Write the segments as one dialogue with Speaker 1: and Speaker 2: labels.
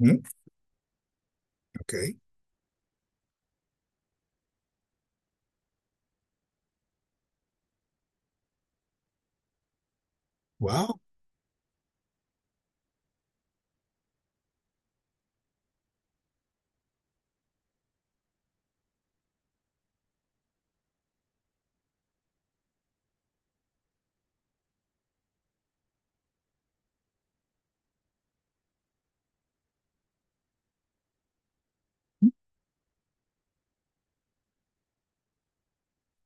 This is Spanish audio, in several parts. Speaker 1: Mm. Ok. Wow.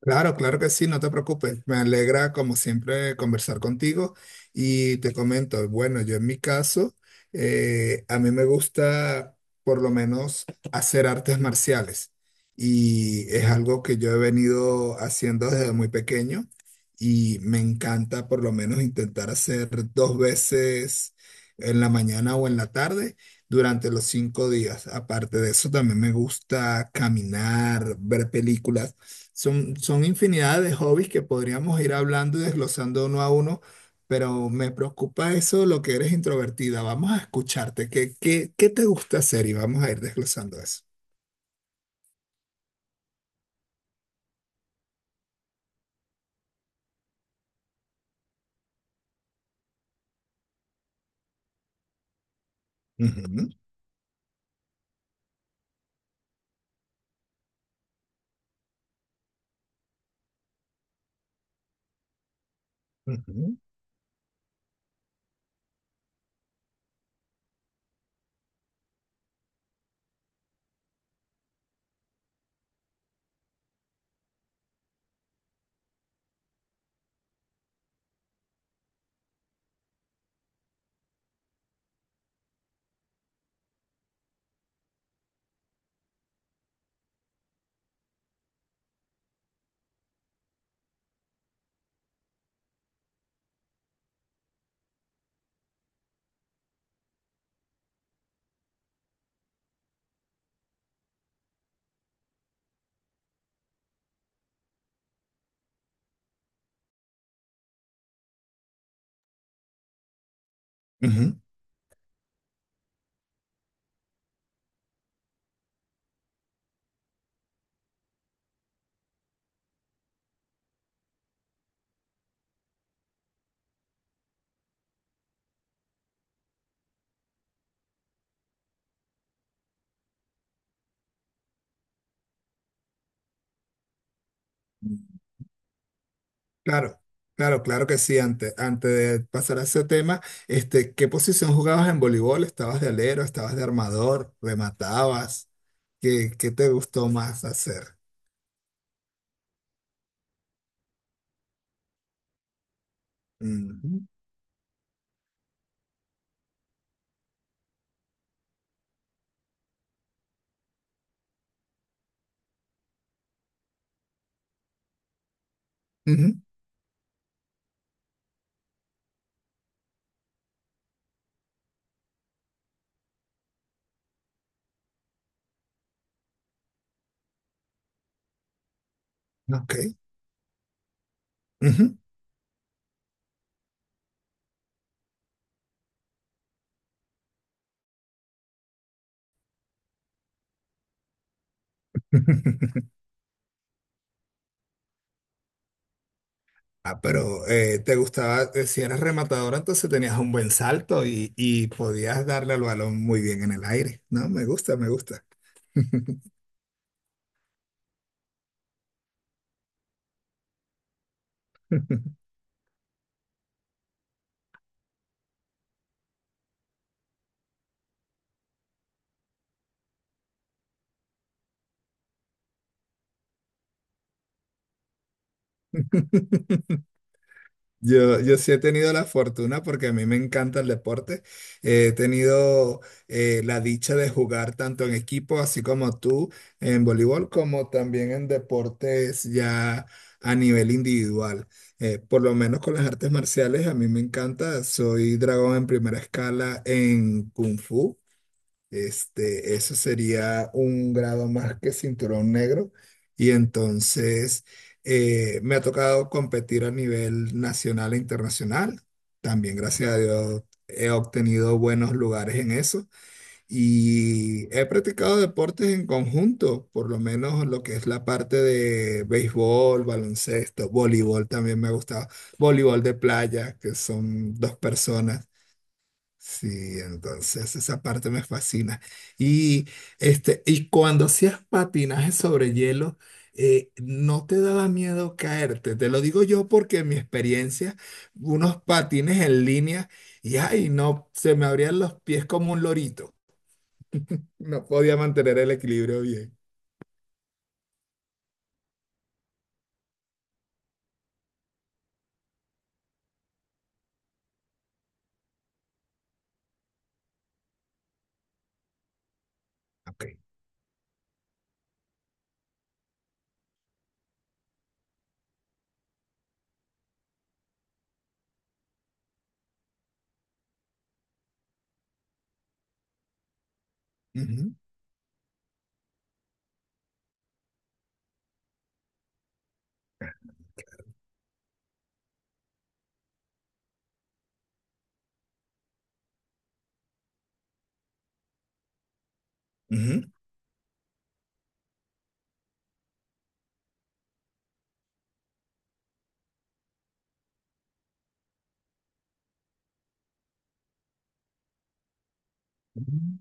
Speaker 1: Claro, claro que sí, no te preocupes. Me alegra, como siempre, conversar contigo. Y te comento, bueno, yo en mi caso, a mí me gusta por lo menos hacer artes marciales. Y es algo que yo he venido haciendo desde muy pequeño. Y me encanta por lo menos intentar hacer dos veces en la mañana o en la tarde durante los 5 días. Aparte de eso, también me gusta caminar, ver películas. Son infinidad de hobbies que podríamos ir hablando y desglosando uno a uno, pero me preocupa eso, lo que eres introvertida. Vamos a escucharte. ¿Qué te gusta hacer? Y vamos a ir desglosando eso. Ujú, ujú, ujú. Claro, claro, claro que sí. Antes de pasar a ese tema, ¿qué posición jugabas en voleibol? ¿Estabas de alero? ¿Estabas de armador? ¿Rematabas? ¿Qué te gustó más hacer? Ujú, ujú. Ok. Ujú. Ah, pero te gustaba, si eras rematador, entonces tenías un buen salto y podías darle al balón muy bien en el aire. No, me gusta, me gusta. Yo sí he tenido la fortuna porque a mí me encanta el deporte. He tenido la dicha de jugar tanto en equipo, así como tú, en voleibol, como también en deportes ya a nivel individual. Por lo menos con las artes marciales, a mí me encanta. Soy dragón en primera escala en Kung Fu. Eso sería un grado más que cinturón negro. Y entonces me ha tocado competir a nivel nacional e internacional. También, gracias a Dios, he obtenido buenos lugares en eso. Y he practicado deportes en conjunto, por lo menos lo que es la parte de béisbol, baloncesto, voleibol también me ha gustado. Voleibol de playa, que son dos personas. Sí, entonces esa parte me fascina. Y, y cuando hacías patinaje sobre hielo, ¿no te daba miedo caerte? Te lo digo yo porque en mi experiencia, unos patines en línea y ay, no, se me abrían los pies como un lorito. No podía mantener el equilibrio bien. Ok. Ujú, ujú.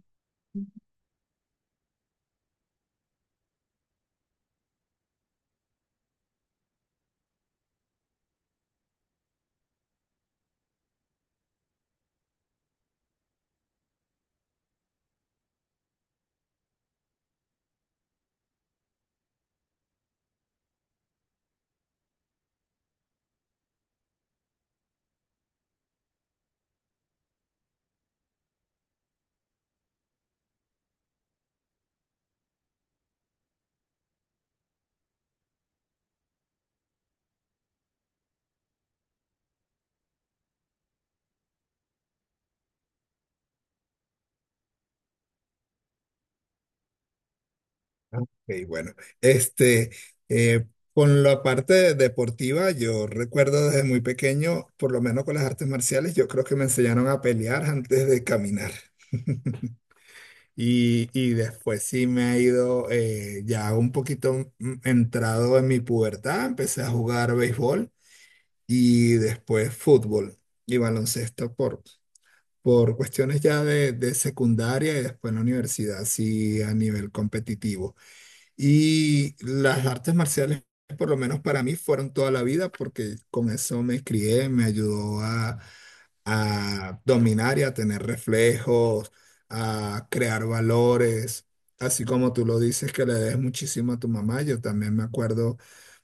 Speaker 1: Ok, bueno, este, eh, con la parte deportiva, yo recuerdo desde muy pequeño, por lo menos con las artes marciales, yo creo que me enseñaron a pelear antes de caminar. Y, y después sí me ha ido ya un poquito entrado en mi pubertad, empecé a jugar béisbol y después fútbol y baloncesto por cuestiones ya de secundaria y después en la universidad, sí a nivel competitivo. Y las artes marciales, por lo menos para mí, fueron toda la vida porque con eso me crié, me ayudó a dominar y a tener reflejos, a crear valores, así como tú lo dices que le des muchísimo a tu mamá, yo también me acuerdo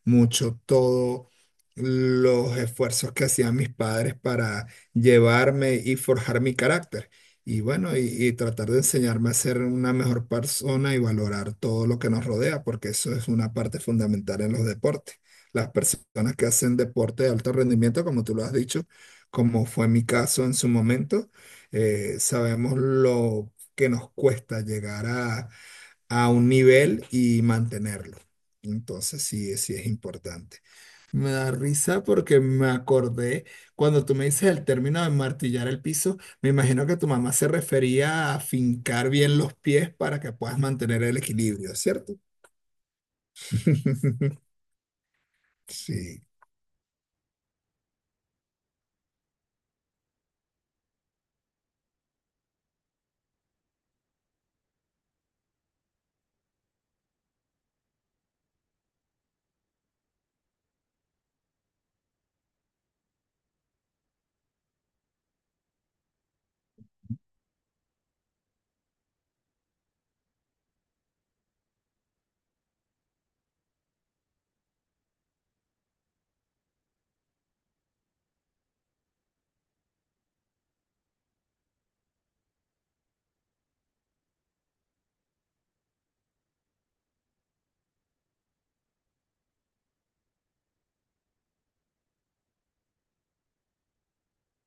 Speaker 1: mucho todos los esfuerzos que hacían mis padres para llevarme y forjar mi carácter. Y bueno, y tratar de enseñarme a ser una mejor persona y valorar todo lo que nos rodea, porque eso es una parte fundamental en los deportes. Las personas que hacen deporte de alto rendimiento, como tú lo has dicho, como fue mi caso en su momento, sabemos lo que nos cuesta llegar a un nivel y mantenerlo. Entonces sí, sí es importante. Me da risa porque me acordé, cuando tú me dices el término de martillar el piso, me imagino que tu mamá se refería a fincar bien los pies para que puedas mantener el equilibrio, ¿cierto? Sí.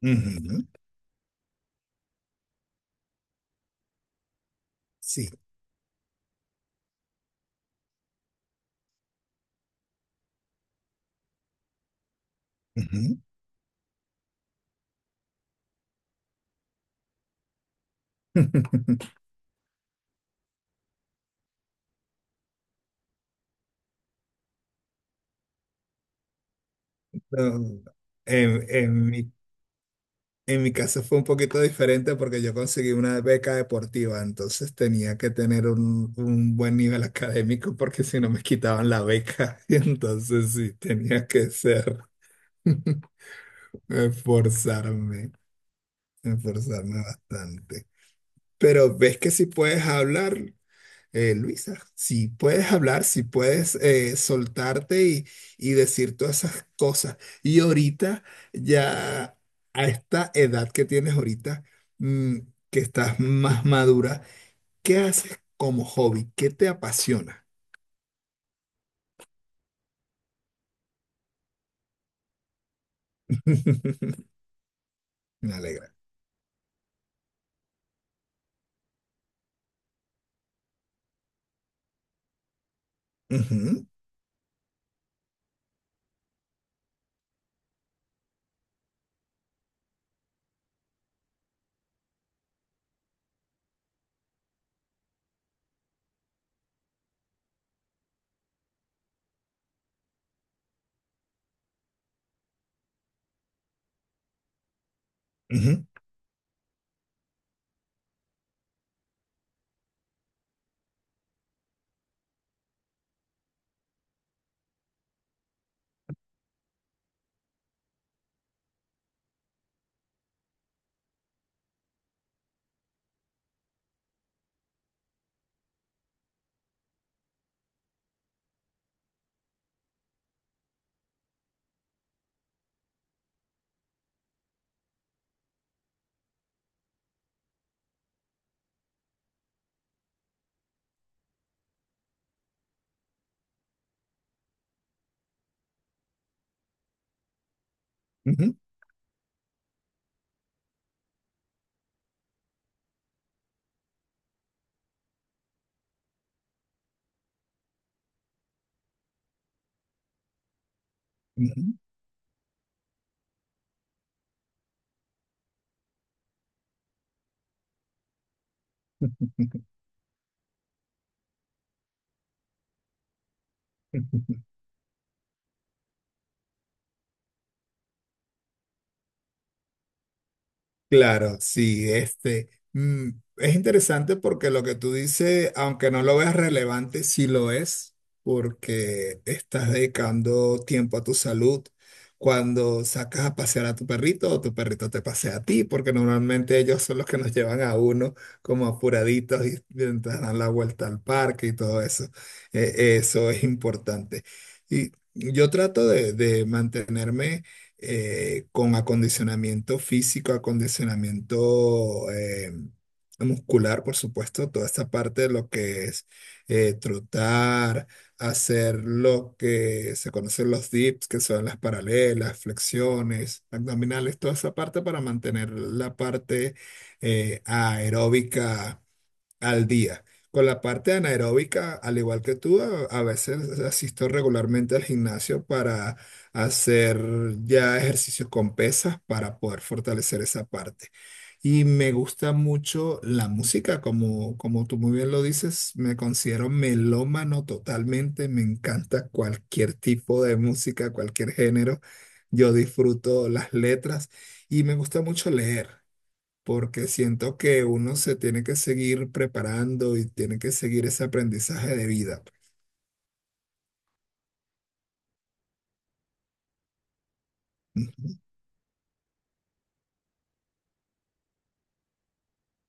Speaker 1: Ujú. Sí. Ujú. No. En, en mi En mi caso fue un poquito diferente porque yo conseguí una beca deportiva, entonces tenía que tener un buen nivel académico porque si no me quitaban la beca, y entonces sí, tenía que ser, esforzarme, esforzarme bastante. Pero ves que si puedes hablar, Luisa, si puedes hablar, si puedes soltarte y decir todas esas cosas. Y ahorita, ya a esta edad que tienes ahorita, mm, que estás más madura, ¿qué haces como hobby? ¿Qué te apasiona? Me alegra. Ujú, ujú, ujú, ujú. Claro, sí, es interesante porque lo que tú dices, aunque no lo veas relevante, sí lo es, porque estás dedicando tiempo a tu salud cuando sacas a pasear a tu perrito o tu perrito te pasea a ti, porque normalmente ellos son los que nos llevan a uno como apuraditos y mientras dan la vuelta al parque y todo eso. Eso es importante. Y yo trato de mantenerme con acondicionamiento físico, acondicionamiento muscular, por supuesto, toda esta parte de lo que es trotar, hacer lo que se conocen los dips, que son las paralelas, flexiones, abdominales, toda esa parte para mantener la parte aeróbica al día. Con la parte anaeróbica, al igual que tú, a veces asisto regularmente al gimnasio para hacer ya ejercicios con pesas para poder fortalecer esa parte. Y me gusta mucho la música, como, como tú muy bien lo dices, me considero melómano totalmente, me encanta cualquier tipo de música, cualquier género, yo disfruto las letras y me gusta mucho leer porque siento que uno se tiene que seguir preparando y tiene que seguir ese aprendizaje de vida. Pues, ¿no?